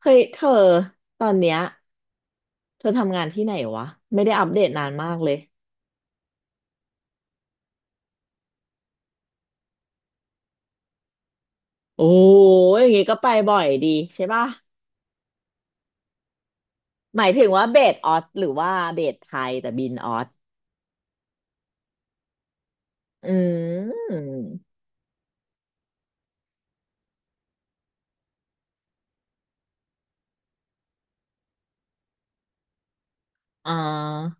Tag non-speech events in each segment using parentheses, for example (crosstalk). เฮ้ยเธอตอนเนี้ยเธอทำงานที่ไหนวะไม่ได้อัปเดตนานมากเลยโอ้ยอย่างงี้ก็ไปบ่อยดีใช่ป่ะหมายถึงว่าเบสออสหรือว่าเบสไทยแต่บินออสอืมอ่า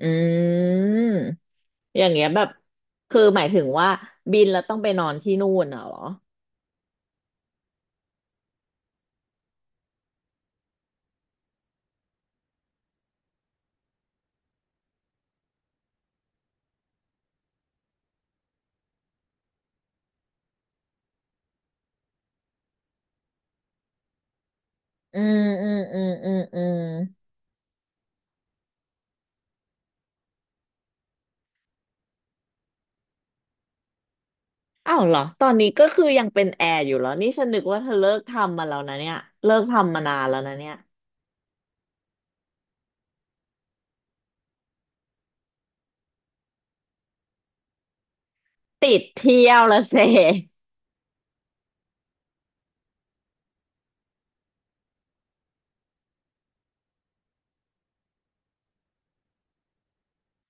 อืมอย่างเงี้ยแบบคือหมายถึงว่าบินแล้วต้องไปนอนที่นู่นน่ะเหรออืมอืมอืมอืมอืมอ้าวเหรอตอนนี้ก็คือยังเป็นแอร์อยู่เหรอนี่ฉันนึกว่าเธอเลิกทำมาแล้วนะเนี่ยเลิกทำมานานแล้วนะเนี่ย ติดเที่ยวละเซ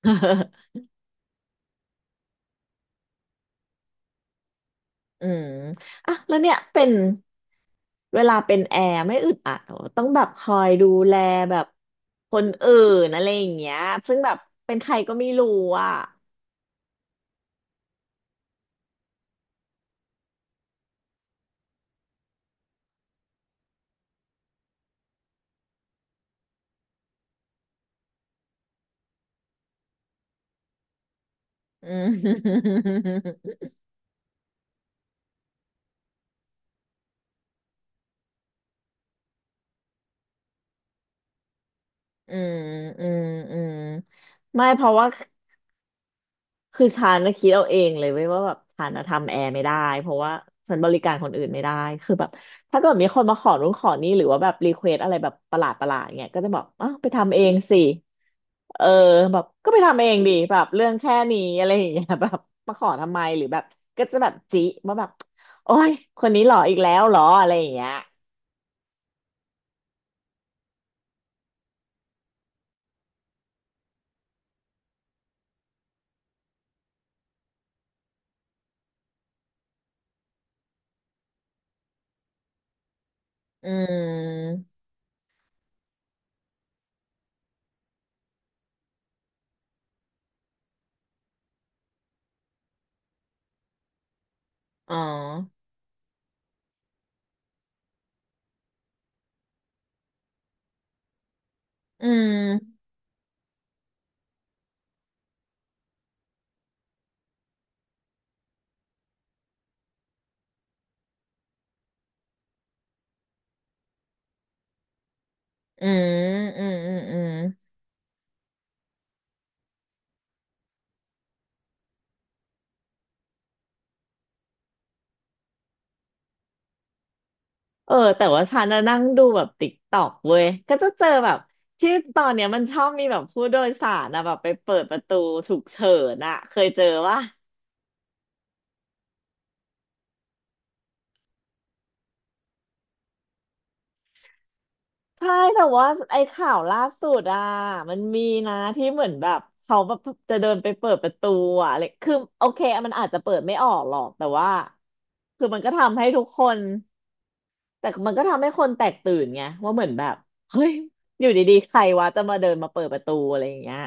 (laughs) อืมอ่ะแล้วเนี่ยเป็นเวลาเป็นแอร์ไม่อึดอัดเหรอต้องแบบคอยดูแลแบบคนอื่นอะไรอย่างเงี้ยซึ่งแบบเป็นใครก็ไม่รู้อ่ะ (laughs) อืม (laughs) อืมอืมอืมไม่เพราะว่า คือฉันน่ะคิดเอาเองเลยเว้ยว่าแบบฉันน่ะทำแอร์ไม่ได้เพราะว่าฉันบริการคนอื่นไม่ได้คือแบบถ้าเกิดมีคนมาขอรุ้นขอนี่หรือว่าแบบรีเควสอะไรแบบประหลาดเงี้ยก็จะบอกอ้าวไปทำเองสิเออแบบก็ไปทำเองดีแบบเรื่องแค่นี้อะไรอย่างเงี้ย (laughs) แบบมาขอทำไมหรือแบบก็จะแบบจิว่าแบบโอ้ยคนนี้หล่ออีกแล้วเหรออะไรอย่างเงี้ยอืมอ๋ออืมอืมอืมอืมอืม เออแต่ว่าฉันน่ะนั่งดูแบบติ๊กต็อกเว้ยก็จะเจอแบบที่ตอนเนี้ยมันชอบมีแบบผู้โดยสารนะแบบไปเปิดประตูฉุกเฉินอะเคยเจอว่าใช่แต่ว่าไอ้ข่าวล่าสุดอ่ะมันมีนะที่เหมือนแบบเขาแบบจะเดินไปเปิดประตูอ่ะเลยคือโอเคมันอาจจะเปิดไม่ออกหรอกแต่ว่าคือมันก็ทำให้ทุกคนแต่มันก็ทำให้คนแตกตื่นไงว่าเหมือนแบบเฮ้ยอยู่ดีๆใครวะจะมาเดินมาเปิดประตูอะไรอย่างเงี้ย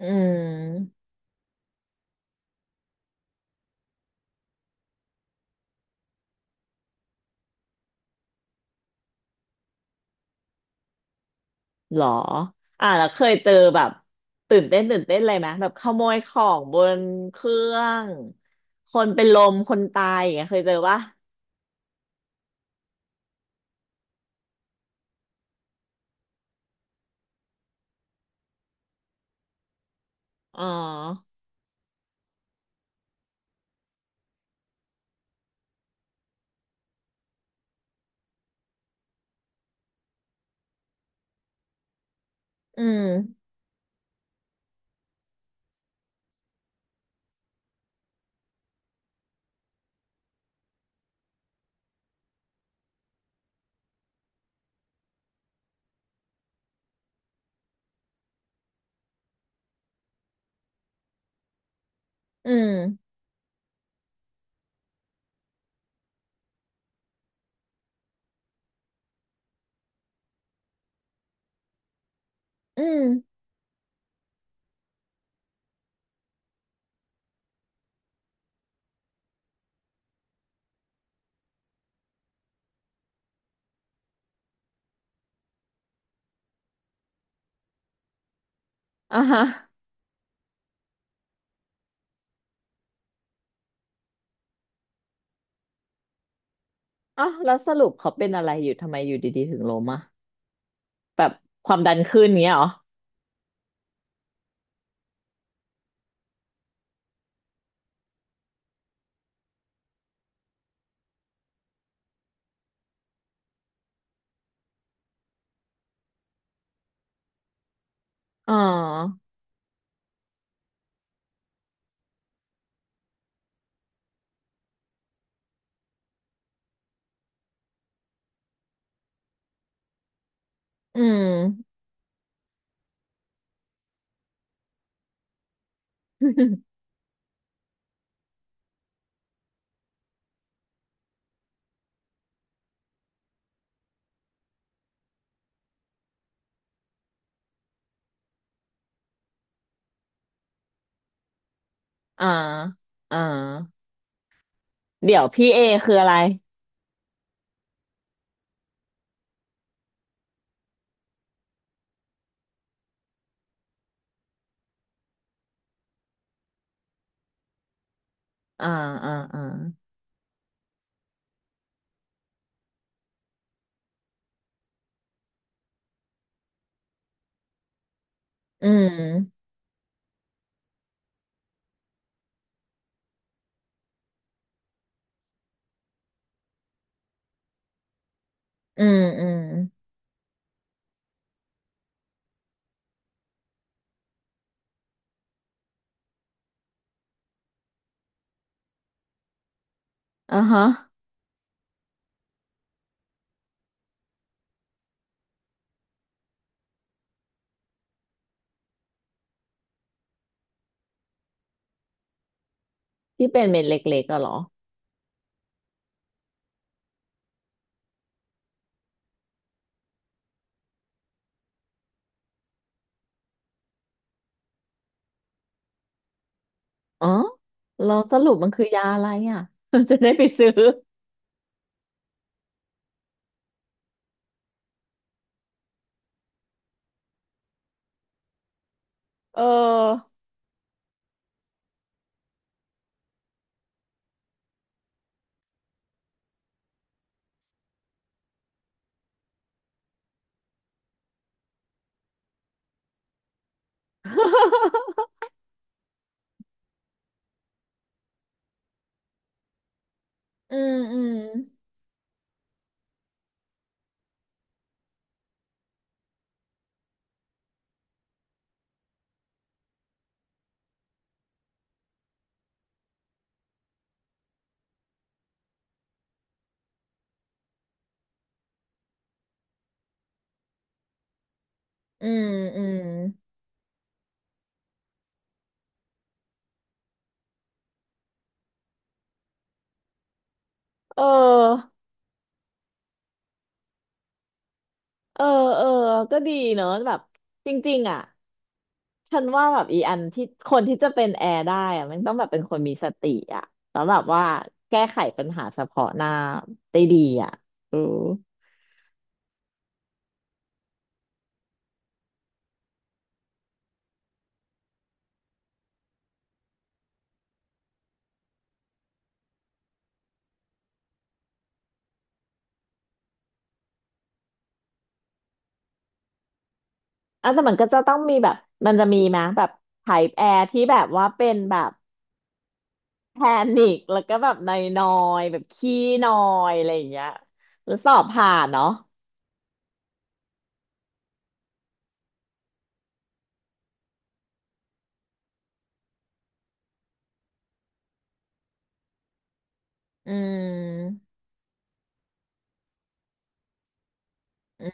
อืม หรออ่าแล้วเคยเจอแบบตื่นเต้นตื่นเต้นอะไรไหมแบบขโมยของบนเครื่องคนเป็นลมคนตายอย่างเงี้ยเคยเจอปะอ๋ออืมอืมอืมอ่าฮะอ๋อแล้วสรุปเขาเป็นอะไรอยู่ทำไมอยู่ดีๆถึงล้มอ่ะแบบความดันขึ้นเงี้ยเหรออ๋ออืม (laughs) อ่าอ่าเดี๋ยวพี่เอคืออะไรอ่าอ่าอ่าอืมอืมอืมอ่าฮะ ที่เป็นเม็ดเล็กๆอะเหรออ๋อเราสรุปมันคือยาอะไรอ่ะ (laughs) จะได้ไปซื้อ เออ (laughs) อืมอืมอืมอืมเออเออเออก็ดีเนอะแบบจริงๆอ่ะฉันว่าแบบอีอันที่คนที่จะเป็นแอร์ได้อะมันต้องแบบเป็นคนมีสติอ่ะแล้วแบบว่าแก้ไขปัญหาเฉพาะหน้าได้ดีอ่ะเอออ่ะแต่มันก็จะต้องมีแบบมันจะมีไหมแบบไ y แอร์ที่แบบว่าเป็นแบบ แพนิคแล้วก็แบบนอยๆแบบขี้นอยอะไรอย่างเงี้ยแล้วสอบผ่านเนาะอืมอื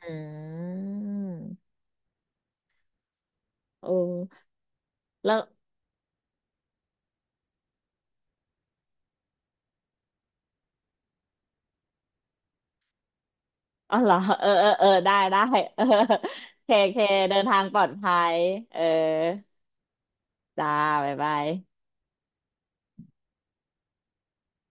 มโอ้แล้วอ๋อเหรอเออเออเออได้ได้ (laughs) เออเคเคเดินทางปลอดภัยเออจ้าบ๊ายบาย